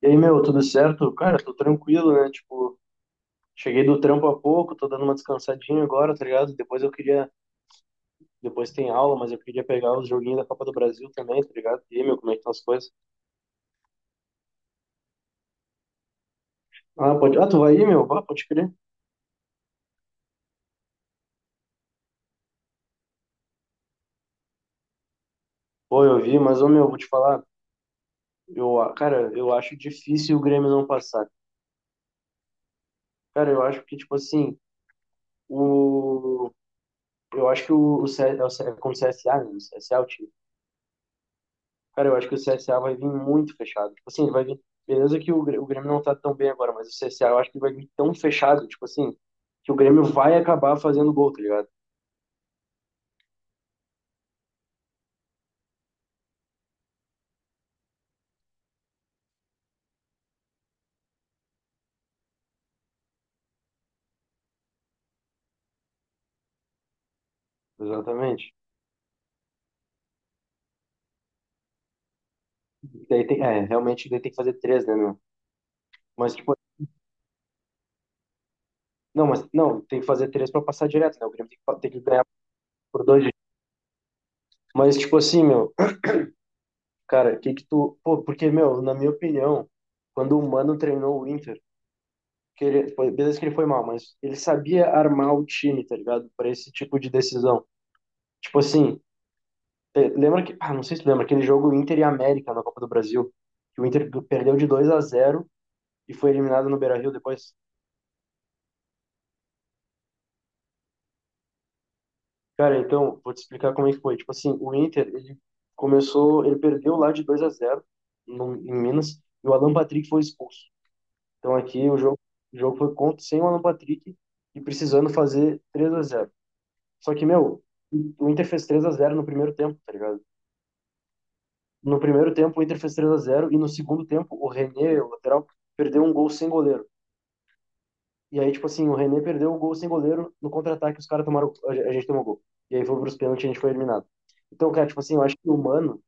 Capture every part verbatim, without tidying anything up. E aí, meu, tudo certo? Cara, tô tranquilo, né? Tipo, cheguei do trampo há pouco, tô dando uma descansadinha agora, tá ligado? Depois eu queria, depois tem aula, mas eu queria pegar os joguinhos da Copa do Brasil também, tá ligado? E aí, meu, como é que estão as coisas? Ah, pode, ah, tu vai aí, meu? Ah, pode crer. Pô, eu vi, mas, ô, meu, vou te falar, eu, a- cara, eu acho difícil o Grêmio não passar. Cara, eu acho que, tipo assim, o, eu acho que o, o, C- é o C- é como C S A, né? O C S A. Cara, eu acho que o C S A vai vir muito fechado. Tipo assim, ele vai vir. Beleza que o, Grê- o Grêmio não tá tão bem agora, mas o C CSA eu acho que vai vir tão fechado, tipo assim, que o Grêmio vai acabar fazendo gol, tá ligado? Exatamente. Daí tem, é, realmente daí tem que fazer três, né, meu? Mas, tipo, não, mas não, tem que fazer três pra passar direto, né? O Grêmio tem que, pa- tem que ganhar por dois. Mas, tipo assim, meu, cara, que que tu. Pô, porque, meu, na minha opinião, quando o Mano treinou o Inter, que ele, foi- beleza que ele foi mal, mas ele sabia armar o time, tá ligado? Pra esse tipo de decisão. Tipo assim, eh, lembra que, ah, não sei se tu lembra, aquele jogo Inter e América na Copa do Brasil, que o Inter perdeu de dois a zero e foi eliminado no Beira-Rio depois. Cara, então, vou te explicar como é que foi. Tipo assim, o Inter, ele começou, ele perdeu lá de dois a zero no, em Minas, e o Alan Patrick foi expulso. Então aqui o jogo, o jogo foi contra sem o Alan Patrick e precisando fazer três a zero. Só que, meu, o Inter fez três a zero no primeiro tempo, tá ligado? No primeiro tempo o Inter fez três a zero e no segundo tempo o René, o lateral, perdeu um gol sem goleiro. E aí, tipo assim, o René perdeu o gol sem goleiro no contra-ataque, os caras tomaram. A a gente tomou gol. E aí foi pros pênaltis e a gente foi eliminado. Então, cara, tipo assim, eu acho que o Mano,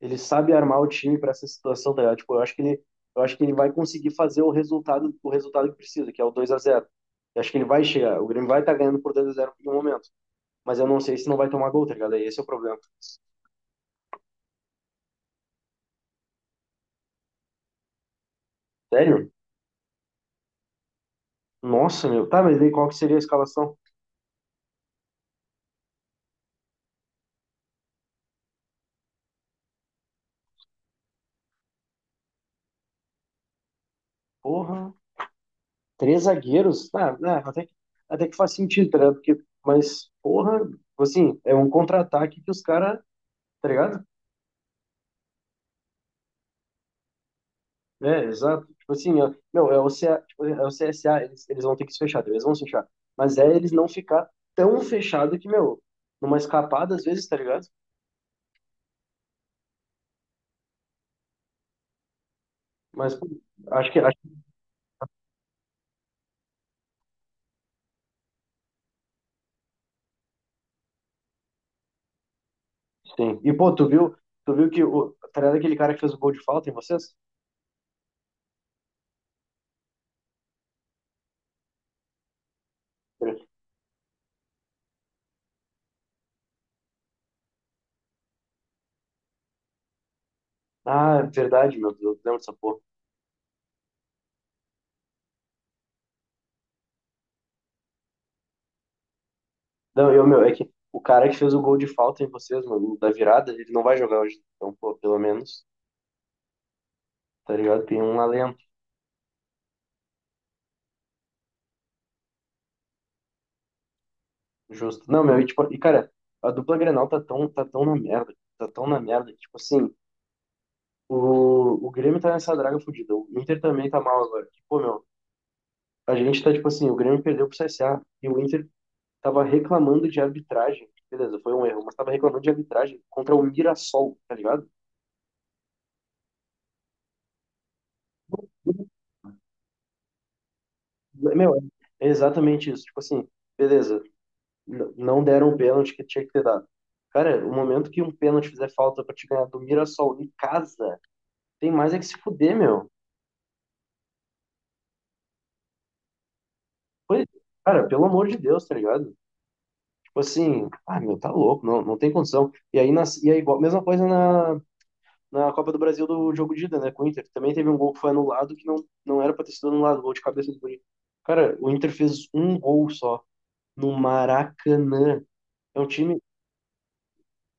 ele sabe armar o time pra essa situação, tá ligado? Tipo, eu acho que ele, eu acho que ele vai conseguir fazer o resultado, o resultado que precisa, que é o dois a zero. Eu acho que ele vai chegar. O Grêmio vai estar ganhando por dois a zero em um momento. Mas eu não sei se não vai tomar gol, tá ligado? Aí, esse é o problema. Sério? Nossa, meu. Tá, mas daí qual que seria a escalação? Porra. Três zagueiros, tá, né, até, que, até que faz sentido, né? Porque, mas, porra, tipo assim, é um contra-ataque que os caras, tá ligado? É, exato. Tipo assim, ó, meu, é o, C A, tipo, é o C S A, eles, eles vão ter que se fechar, eles vão se fechar. Mas é eles não ficar tão fechado que, meu, numa escapada às vezes, tá ligado? Mas pô, acho que, acho que sim. E, pô, tu viu, tu viu que o, tá ligado aquele cara que fez o gol de falta em vocês? Ah, é verdade, meu Deus, lembro dessa porra. Não, eu, meu, é que o cara que fez o gol de falta em vocês, mano, da virada, ele não vai jogar hoje. Então, pô, pelo menos, tá ligado? Tem um alento justo. Não, meu, e, tipo, e cara, a dupla Grenal tá tão, tá tão na merda, tá tão na merda, que, tipo assim, o, o Grêmio tá nessa draga fodida, o Inter também tá mal agora. Que, pô, meu, a gente tá, tipo assim, o Grêmio perdeu pro C S A e o Inter tava reclamando de arbitragem. Beleza, foi um erro, mas tava reclamando de arbitragem contra o Mirassol, tá ligado? Meu, é exatamente isso. Tipo assim, beleza, n- não deram o pênalti que tinha que ter dado. Cara, o momento que um pênalti fizer falta pra te ganhar do Mirassol em casa, tem mais é que se fuder, meu. Foi, cara, pelo amor de Deus, tá ligado? Tipo assim, ah, meu, tá louco, não, não tem condição. E aí, nas, e aí igual, mesma coisa na, na Copa do Brasil do jogo de ida, né, com o Inter. Também teve um gol que foi anulado que não, não era pra ter sido anulado, gol de cabeça do Guri. Cara, o Inter fez um gol só no Maracanã. É um time.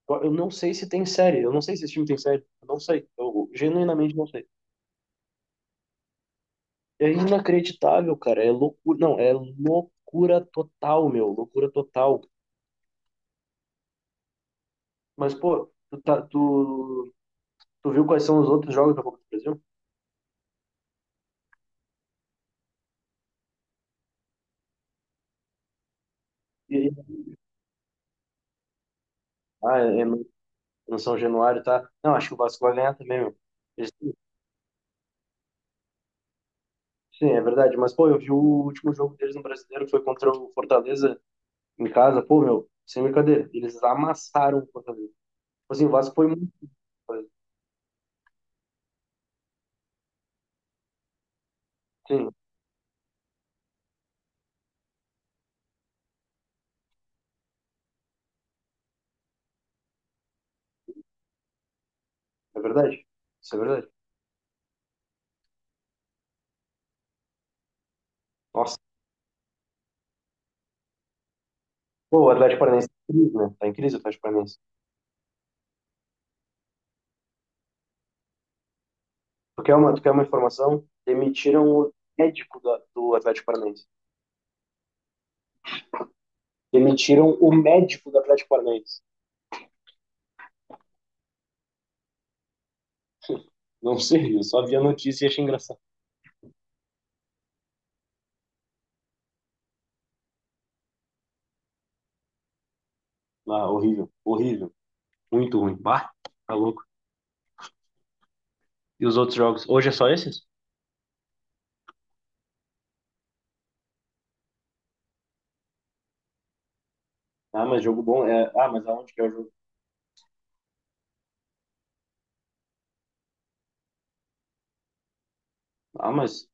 Eu eu não sei se tem série, eu não sei se esse time tem série, eu não sei, eu genuinamente não sei. É inacreditável, cara, é loucura, não, é loucura total, meu, loucura total. Mas, pô, tu, tá, tu, tu viu quais são os outros jogos da Copa do Brasil? E, ah, é, é no no São Januário, tá? Não, acho que o Vasco vai ganhar também, meu. Eles- sim, é verdade, mas, pô, eu vi o último jogo deles no Brasileiro, que foi contra o Fortaleza em casa, pô, meu, sem brincadeira, eles amassaram o Fortaleza. Tipo assim, o Vasco foi muito. Sim, é verdade. Isso é verdade. Nossa. Pô, o Atlético Paranaense tá em crise, né? Tá em crise o Atlético Paranaense. Tu quer uma, tu quer uma informação? Demitiram o médico da- do Atlético Paranaense. Demitiram o médico do Atlético Paranaense. Não sei, eu só vi a notícia e achei engraçado. Ah, horrível, horrível. Muito ruim. Bah, tá louco. E os outros jogos? Hoje é só esses? Ah, mas jogo bom é. Ah, mas aonde que é o jogo? Ah, mas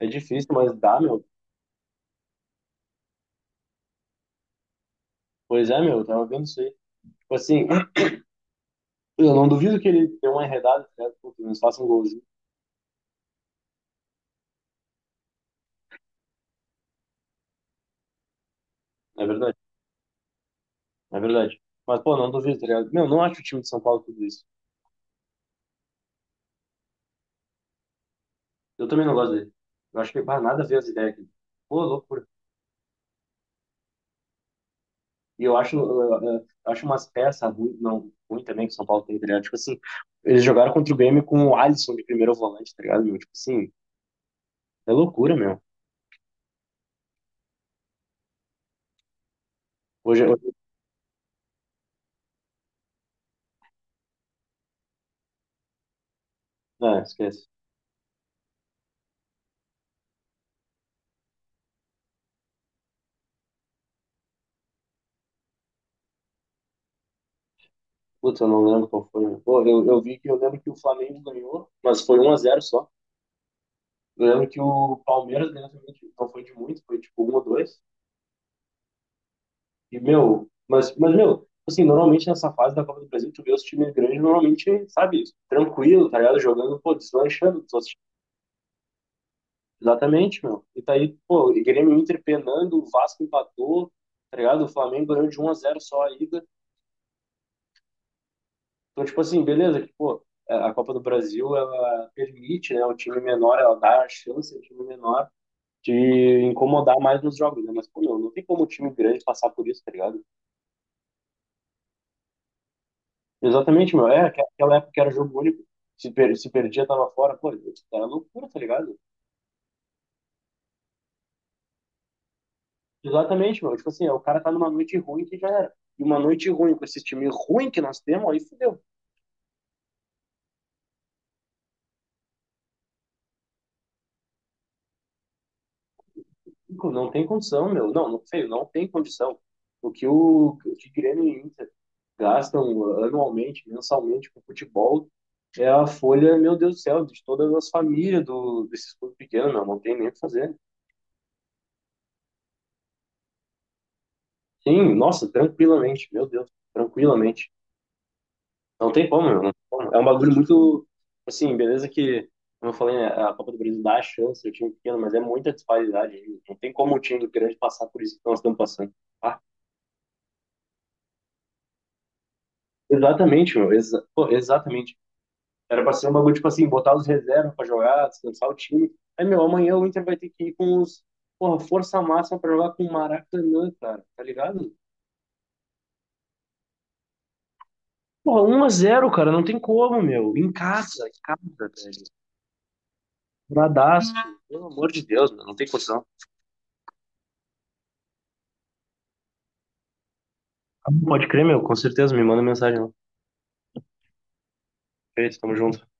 é difícil, mas dá, meu. Pois é, meu, eu tava vendo isso aí. Tipo assim, eu não duvido que ele dê uma enredada, né? Pô, que eles façam um golzinho. É verdade. É verdade. Mas, pô, não duvido, tá ligado? Meu, não acho o time de São Paulo tudo isso. Eu também não gosto dele. Eu acho que, bah, nada a ver as ideias aqui. Pô, loucura. E eu acho, eu, eu acho umas peças ruins, não, ruim também que o São Paulo tem, tá ligado? Tipo assim, eles jogaram contra o Grêmio com o Alisson de primeiro volante, tá ligado, meu? Tipo assim, é loucura, meu. Hoje, hoje... Ah, esquece. Putz, eu não lembro qual foi, meu. Pô, eu, eu vi que, eu lembro que o Flamengo ganhou, mas foi um a zero só. Eu lembro que o Palmeiras ganhou também, tipo, não foi de muito, foi tipo um ou dois. E, meu, mas, mas, meu, assim, normalmente nessa fase da Copa do Brasil, tu vê os times grandes, normalmente, sabe, tranquilo, tá ligado? Jogando, pô, deslanchando dos outros. Exatamente, meu. E tá aí, pô, e Grêmio e Inter penando, o Vasco empatou, tá ligado? O Flamengo ganhou de um a zero só a ida. Então, tipo assim, beleza, que, pô, é, a Copa do Brasil, ela permite, né, o time menor, ela dá a chance ao time menor de incomodar mais nos jogos, né? Mas, pô, meu, não tem como o time grande passar por isso, tá ligado? Exatamente, meu. É, aque- aquela época que era jogo único. Se, per- se perdia, tava fora. Pô, era loucura, tá ligado? Exatamente, meu. Tipo assim, é, o cara tá numa noite ruim que já era. E uma noite ruim com esse time ruim que nós temos, aí fudeu. Nico, não tem condição, meu. Não, não, feio, não tem condição. O que o, o que Grêmio e Inter gastam anualmente, mensalmente com futebol, é a folha, meu Deus do céu, de todas as famílias do, desses clubes pequenos, meu. Não tem nem o que fazer. Sim, nossa, tranquilamente, meu Deus, tranquilamente. Não tem como, meu, não tem como. É um bagulho muito. Assim, beleza que, como eu falei, né, a Copa do Brasil dá a chance ao time é pequeno, mas é muita disparidade. Hein? Não tem como o time do grande passar por isso que nós estamos passando. Ah, exatamente, meu. Exa pô, exatamente. Era pra ser um bagulho, tipo assim, botar os reservas pra jogar, descansar o time. Aí, meu, amanhã o Inter vai ter que ir com os. Porra, força máxima pra jogar com o Maracanã, cara. Tá ligado? Porra, um a zero, cara. Não tem como, meu. Em casa, em casa, velho. Bradaço. Pelo amor de Deus, meu. Não tem condição. Ah, pode crer, meu, com certeza, me manda mensagem lá. Perfeito, tamo junto.